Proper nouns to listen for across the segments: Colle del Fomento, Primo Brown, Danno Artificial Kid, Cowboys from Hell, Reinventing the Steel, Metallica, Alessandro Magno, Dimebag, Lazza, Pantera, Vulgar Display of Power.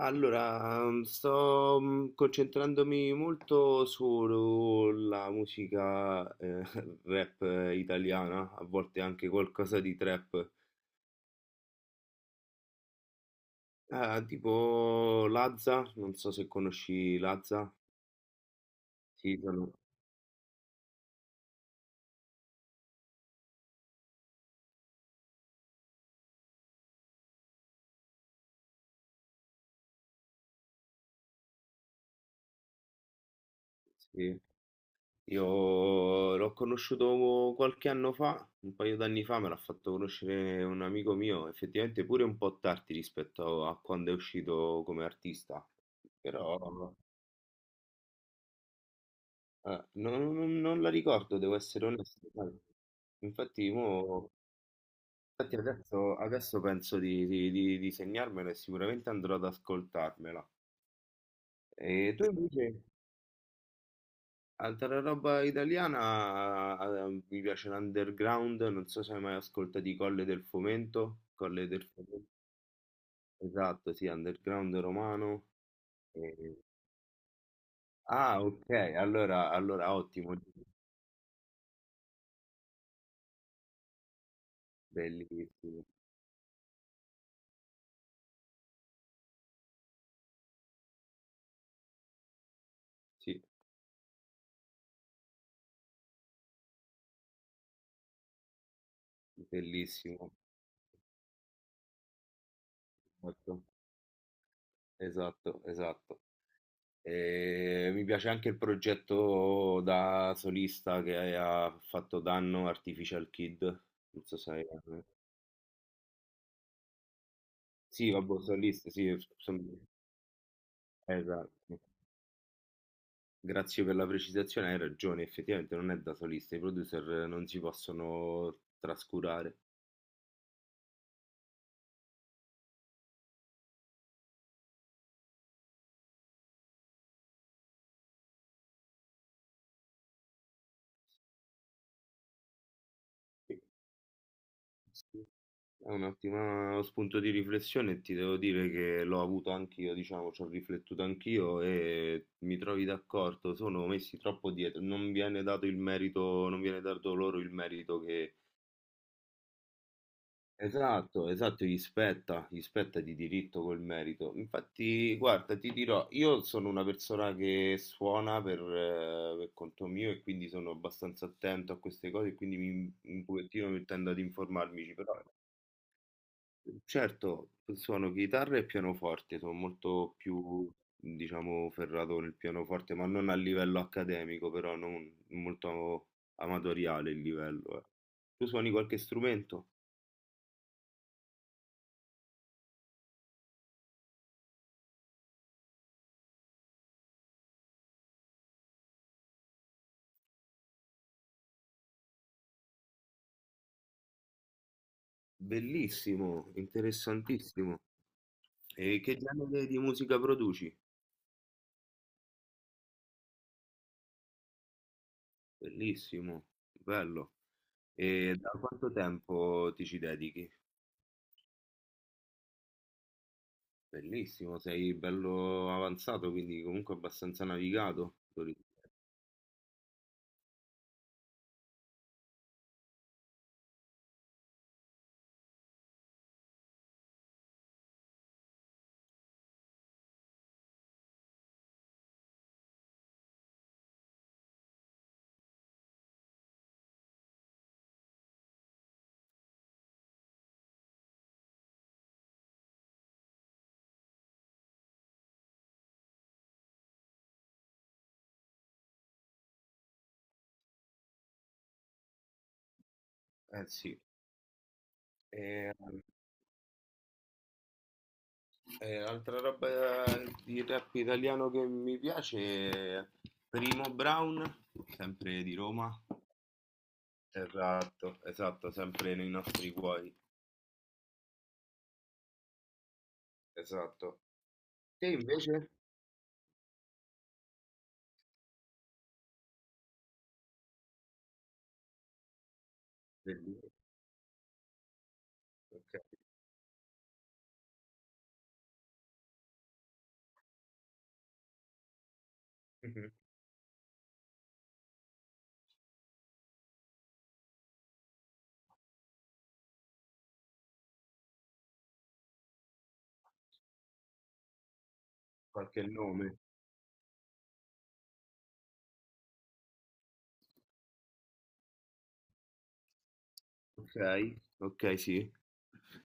Allora, sto concentrandomi molto sulla musica rap italiana, a volte anche qualcosa di trap. Ah, tipo Lazza, non so se conosci Lazza. Sì, sì. Io l'ho conosciuto qualche anno fa, un paio d'anni fa, me l'ha fatto conoscere un amico mio, effettivamente pure un po' tardi rispetto a quando è uscito come artista, però... Ah, non la ricordo, devo essere onesto, sai. Infatti, mo- infatti adesso, adesso penso di segnarmela e sicuramente andrò ad ascoltarmela. E tu invece, altra roba italiana, mi piace l'underground, non so se hai mai ascoltato i Colle del Fomento. Colle del Fomento, esatto, sì, underground romano. E- Ah, ok, allora ottimo, bellissimo, sì, bellissimo. Molto. Esatto, esatto. E mi piace anche il progetto da solista che ha fatto Danno, Artificial Kid. Non so se hai... Sì, vabbè, solista, esatto. Grazie per la precisazione, hai ragione, effettivamente non è da solista, i producer non si possono trascurare. È un ottimo spunto di riflessione e ti devo dire che l'ho avuto anch'io, diciamo, ci ho riflettuto anch'io e mi trovi d'accordo, sono messi troppo dietro, non viene dato il merito, non viene dato loro il merito che... Esatto, esatto, gli spetta di diritto quel merito. Infatti, guarda, ti dirò, io sono una persona che suona per conto mio e quindi sono abbastanza attento a queste cose e quindi mi, un pochettino mi tendo ad informarmi, però... Certo, suono chitarra e pianoforte, sono molto più, diciamo, ferrato nel pianoforte, ma non a livello accademico, però non molto amatoriale il livello, eh. Tu suoni qualche strumento? Bellissimo, interessantissimo. E che genere di musica produci? Bellissimo, bello. E da quanto tempo ti ci dedichi? Bellissimo, sei bello avanzato, quindi comunque abbastanza navigato. Eh sì. ehm, altra roba di rap italiano che mi piace è Primo Brown, sempre di Roma. Esatto, esatto, sempre nei nostri cuori. Esatto. Te invece? Bellino, ok. Mhm. Qualche nome? Ok, ok, sì.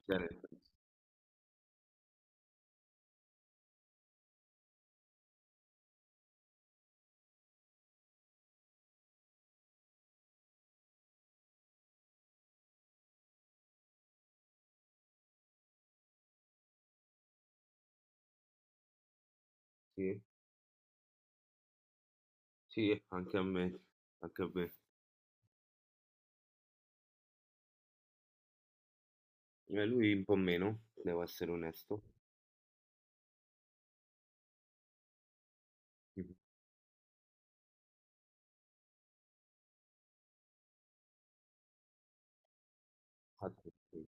Bene. Sì, sì, anche a me. Anche a me. Lui un po' meno, devo essere onesto. Mhm.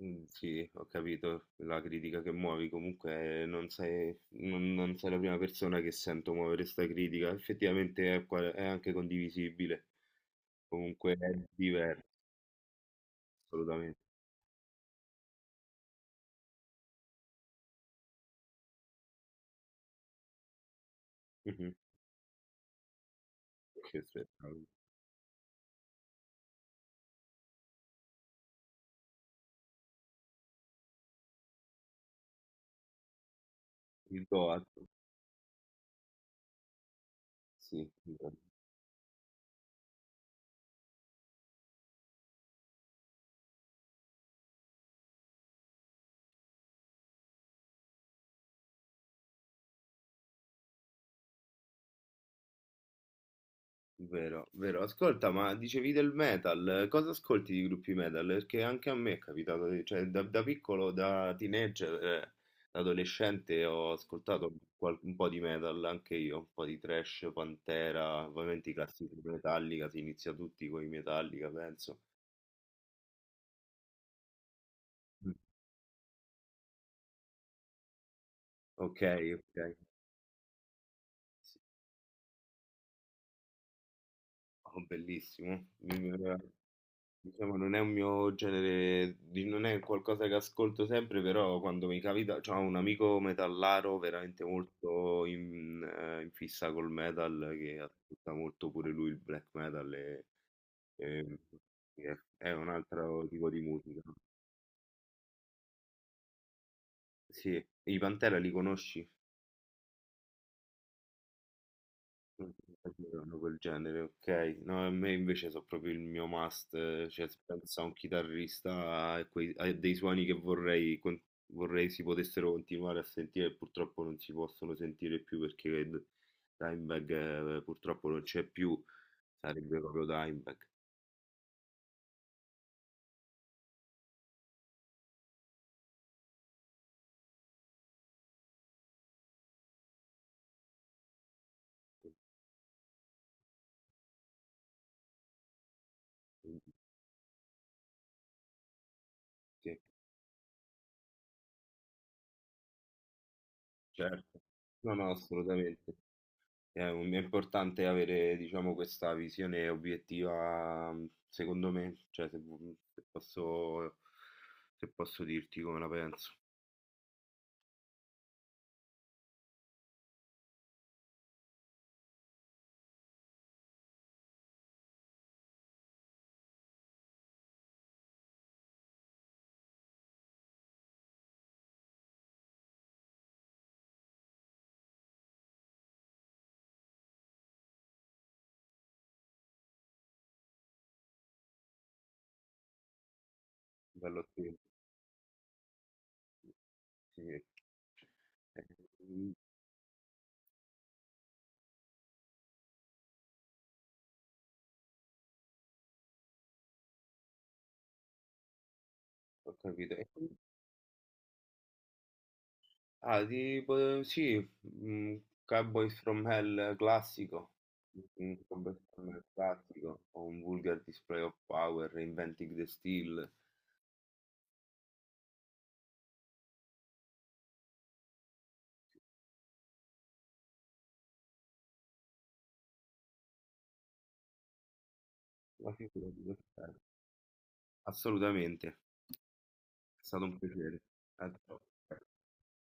Sì, ho capito la critica che muovi, comunque non sei la prima persona che sento muovere 'sta critica. Effettivamente è qua è anche condivisibile, comunque è diver, assolutamente. Mh-mh. Che spettacolo. Il boato, sì. Vero, vero. Ascolta, ma dicevi del metal, cosa ascolti di gruppi metal? Perché anche a me è capitato, cioè da, da piccolo, da teenager, da adolescente ho ascoltato un po' di metal, anche io, un po' di thrash, Pantera, ovviamente i classici Metallica, si inizia tutti con i Metallica, penso. Mm. Ok, ok. Sì. Oh, bellissimo. Diciamo, non è un mio genere, non è qualcosa che ascolto sempre, però quando mi capita, c'ho un amico metallaro veramente molto in, in fissa col metal, che ascolta molto pure lui il black metal, e- e è un altro tipo di musica. Sì, i Pantera li conosci? Mh, è vero, hanno quel genere, okay. No, a me invece so' proprio il mio must, cioè s penso a un chitarrista e quei a dei suoni che vorrei con vorrei si potessero continuare a sentire e purtroppo non si possono sentire più perché d Dimebag, purtroppo non c'è più, sarebbe proprio Dimebag. Quindi, sì. Certo. No, no, assolutamente. È, è importante avere, diciamo, questa visione obiettiva, secondo me, cioè se, vu- mhmm, se posso, se posso dirti come la penso. Bello, sì, sì. Eh, mm, ho capito. E quindi- Ah, tipo, sì, mm, Cowboys from Hell classico. Un Cowboys from Hell classico, o un Vulgar Display of Power, Reinventing the Steel. Ma figurati, che bello. Assolutamente, è stato un piacere. A dopo.